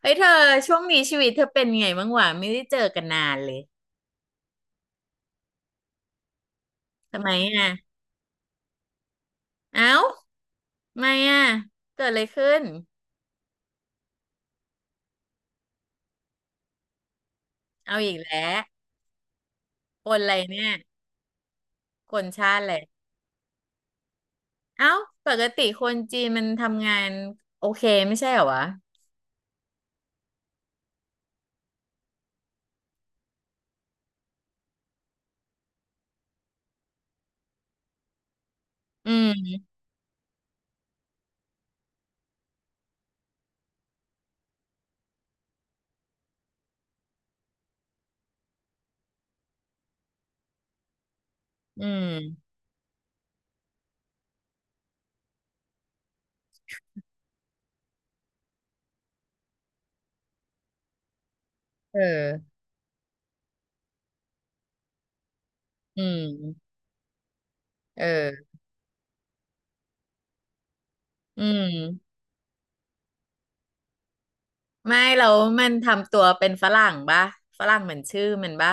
เฮ้ยเธอช่วงนี้ชีวิตเธอเป็นไงบ้างวะไม่ได้เจอกันนานเลยทำไมอ่ะเอ้าทำไมอ่ะเกิดอะไรขึ้นเอาอีกแล้วคนอะไรเนี่ยคนชาติเลยเอ้าปกติคนจีนมันทำงานโอเคไม่ใช่เหรอวะอืมอืมเอออืมเอออืมไม่แล้วมันทำตัวเป็นฝรั่งปะฝรั่งเหมือนชื่อมันปะ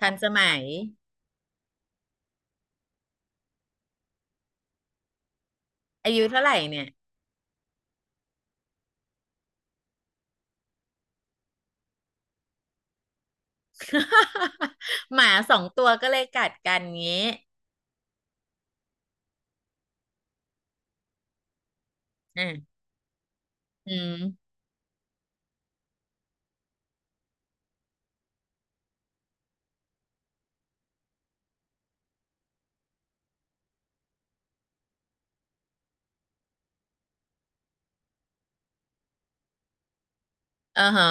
ทันสมัยอายุเท่าไหร่เนี่ย หมาสองตัวก็เลยกัดกันงี้ อืมอืมอ่าฮะ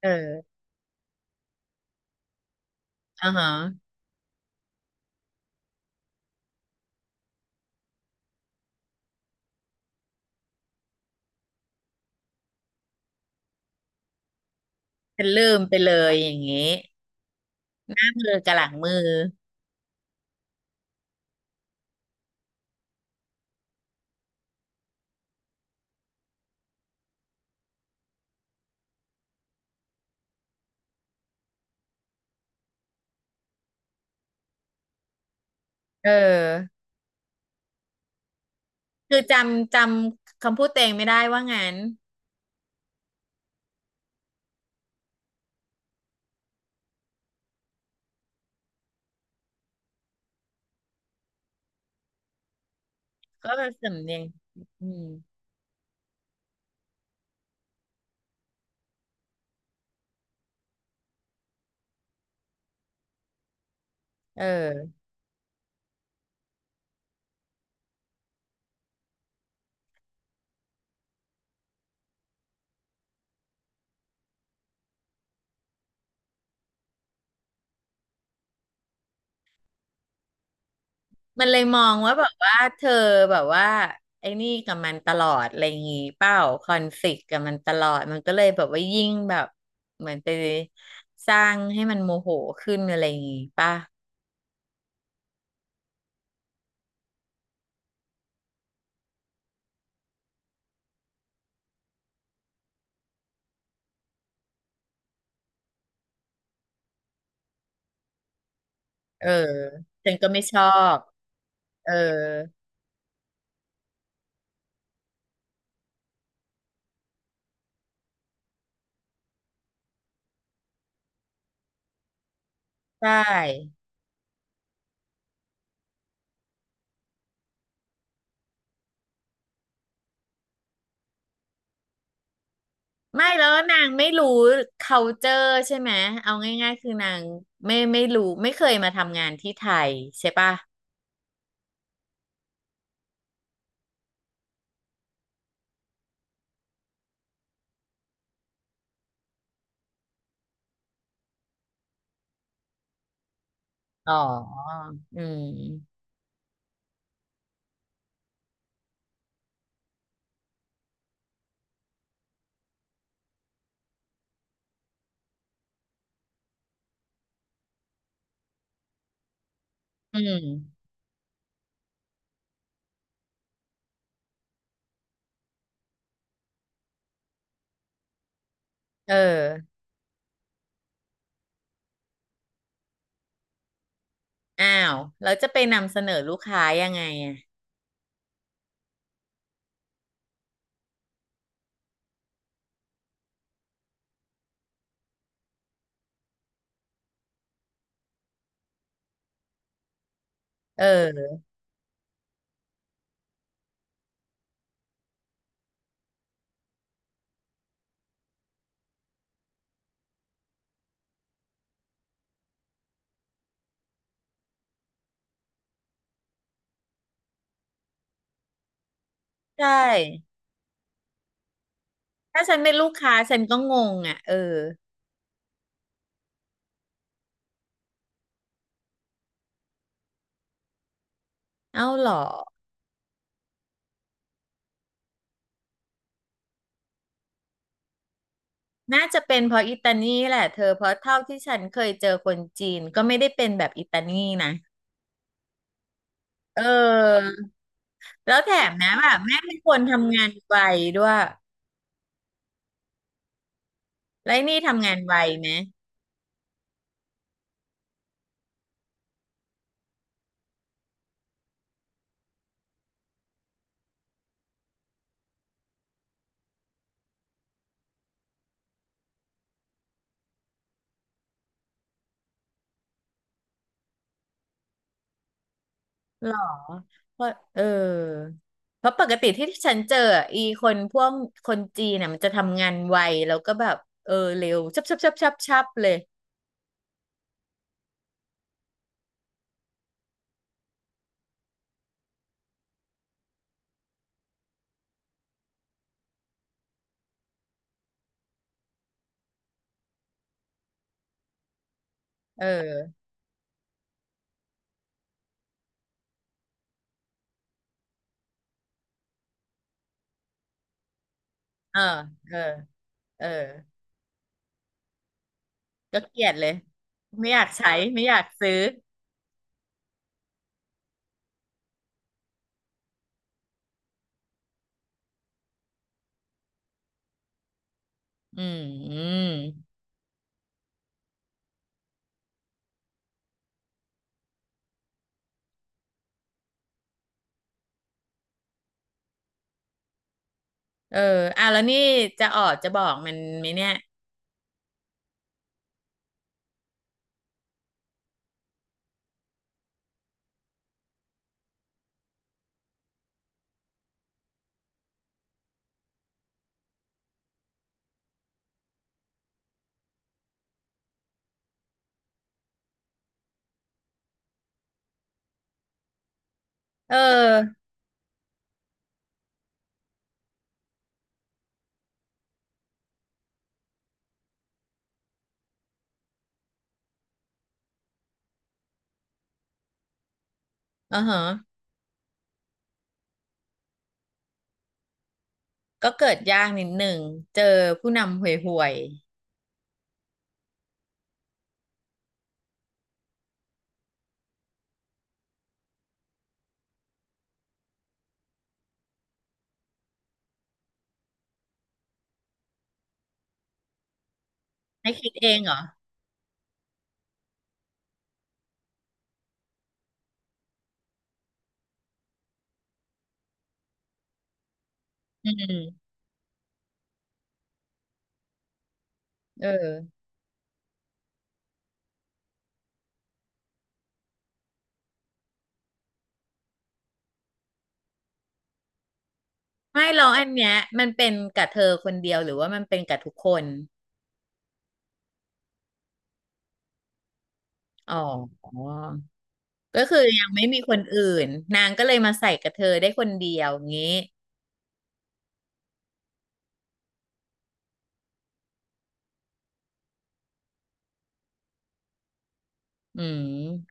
เอออ่าฮะฉันลืมไปเลยอย่างงี้หน้ามือกับหลังมือเออคือจำจำคำพูดเตวเองไม่ได้ว่างั้นก็แบบนสำเนียงอืมเออมันเลยมองว่าแบบว่าเธอแบบว่าไอ้นี่กับมันตลอดอะไรอย่างงี้เปล่าคอนฟลิกต์กับมันตลอดมันก็เลยแบบว่ายิ่งแบบเหมือนไปสร้างให้มันโมโหขึ้นอะไรอย่างงี้ป่ะเออฉันก็ไม่ชอบเออ ใช่ไม่แล้วนางไม่รู้ culture ใช่ไหมเอาง่ายๆคือนางไม่รู้ไม่เคยมาทำงานที่ไทยใช่ปะอ๋ออืมอืมเอออ้าวแล้วจะไปนำเสนอลูกค้ายังไงอ่ะเออใช่ถ้าฉันเป็นลูกค้าฉันก็งงอ่ะเออเอ้าเหรอน่าจะเป็นเพราะอิตาลีแหละเธอเพราะเท่าที่ฉันเคยเจอคนจีนก็ไม่ได้เป็นแบบอิตาลีนะเออ แล้วแถมนะแบบแม่เป็นคนทำงานไวด้วยแล้วไอ้นี่ทำงานไวไหมหรอเพราะเออเพราะปกติที่ฉันเจออะอีคนพวกคนจีนน่ะมันจะทำงานไวแล้วก็แบบเออเร็วชับชับชับชับชับเลยเออเออเออเออก็เกลียดเลยไม่อยากใช้ไม่อยากซื้ออืมอืมเอออ่ะแล้วนี่จะออดจะบอกมันไหมเนี่ยเอออ่าฮะ ก็เกิดยากนิดหนึ่งเจอผู้นำห่วยๆให้คิดเองเหรออืมเออไม่หรอกอันเนี้ยมันเป็นกับเธอคนเดียวหรือว่ามันเป็นกับทุกคนอ๋อก็คือยังไม่มีคนอื่นนางก็เลยมาใส่กับเธอได้คนเดียวงี้อืม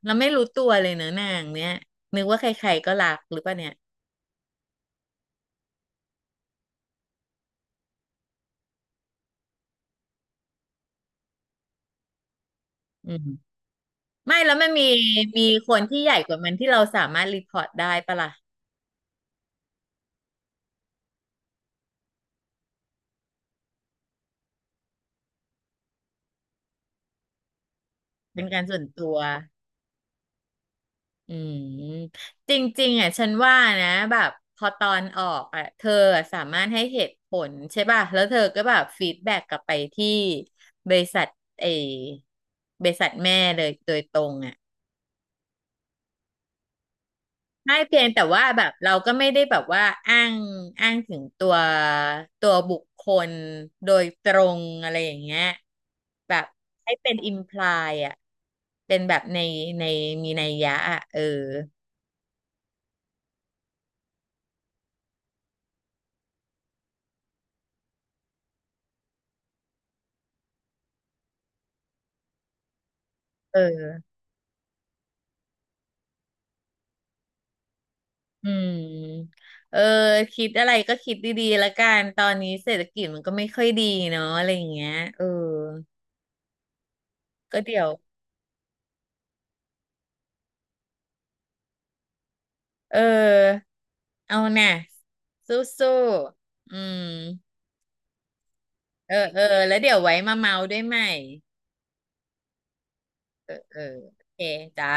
เราไม่รู้ตัวเลยเนอะนางเนี้ยนึกว่าใครๆก็รักหรือเปล่าเนี่ยอืมไม่แล้วมันมีมีคนที่ใหญ่กว่ามันที่เราสามารถรีพอร์ตได้ปะล่ะเป็นการส่วนตัว อืมจริงๆอ่ะฉันว่านะแบบพอตอนออกอ่ะเธอสามารถให้เหตุผลใช่ป่ะแล้วเธอก็แบบฟีดแบ็กกลับไปที่บริษัทเอบริษัทแม่เลยโดยตรงอ่ะใช่เพียงแต่ว่าแบบเราก็ไม่ได้แบบว่าอ้างอ้างถึงตัวตัวบุคคลโดยตรงอะไรอย่างเงี้ยแบบให้เป็นอิมพลายอ่ะเป็นแบบในในมีนัยยะอ่ะเออเออ อืมเออคิดอะไรก็คิดดีๆละกันตอนนี้เศรษฐกิจมันก็ไม่ค่อยดีเนาะอะไรอย่างเงี้ยเออก็เดี๋ยวเออเอาน่ะสู้ๆอืมเออเออแล้วเดี๋ยวไว้มาเมาด้วยใหม่เออเออโอเคจ้า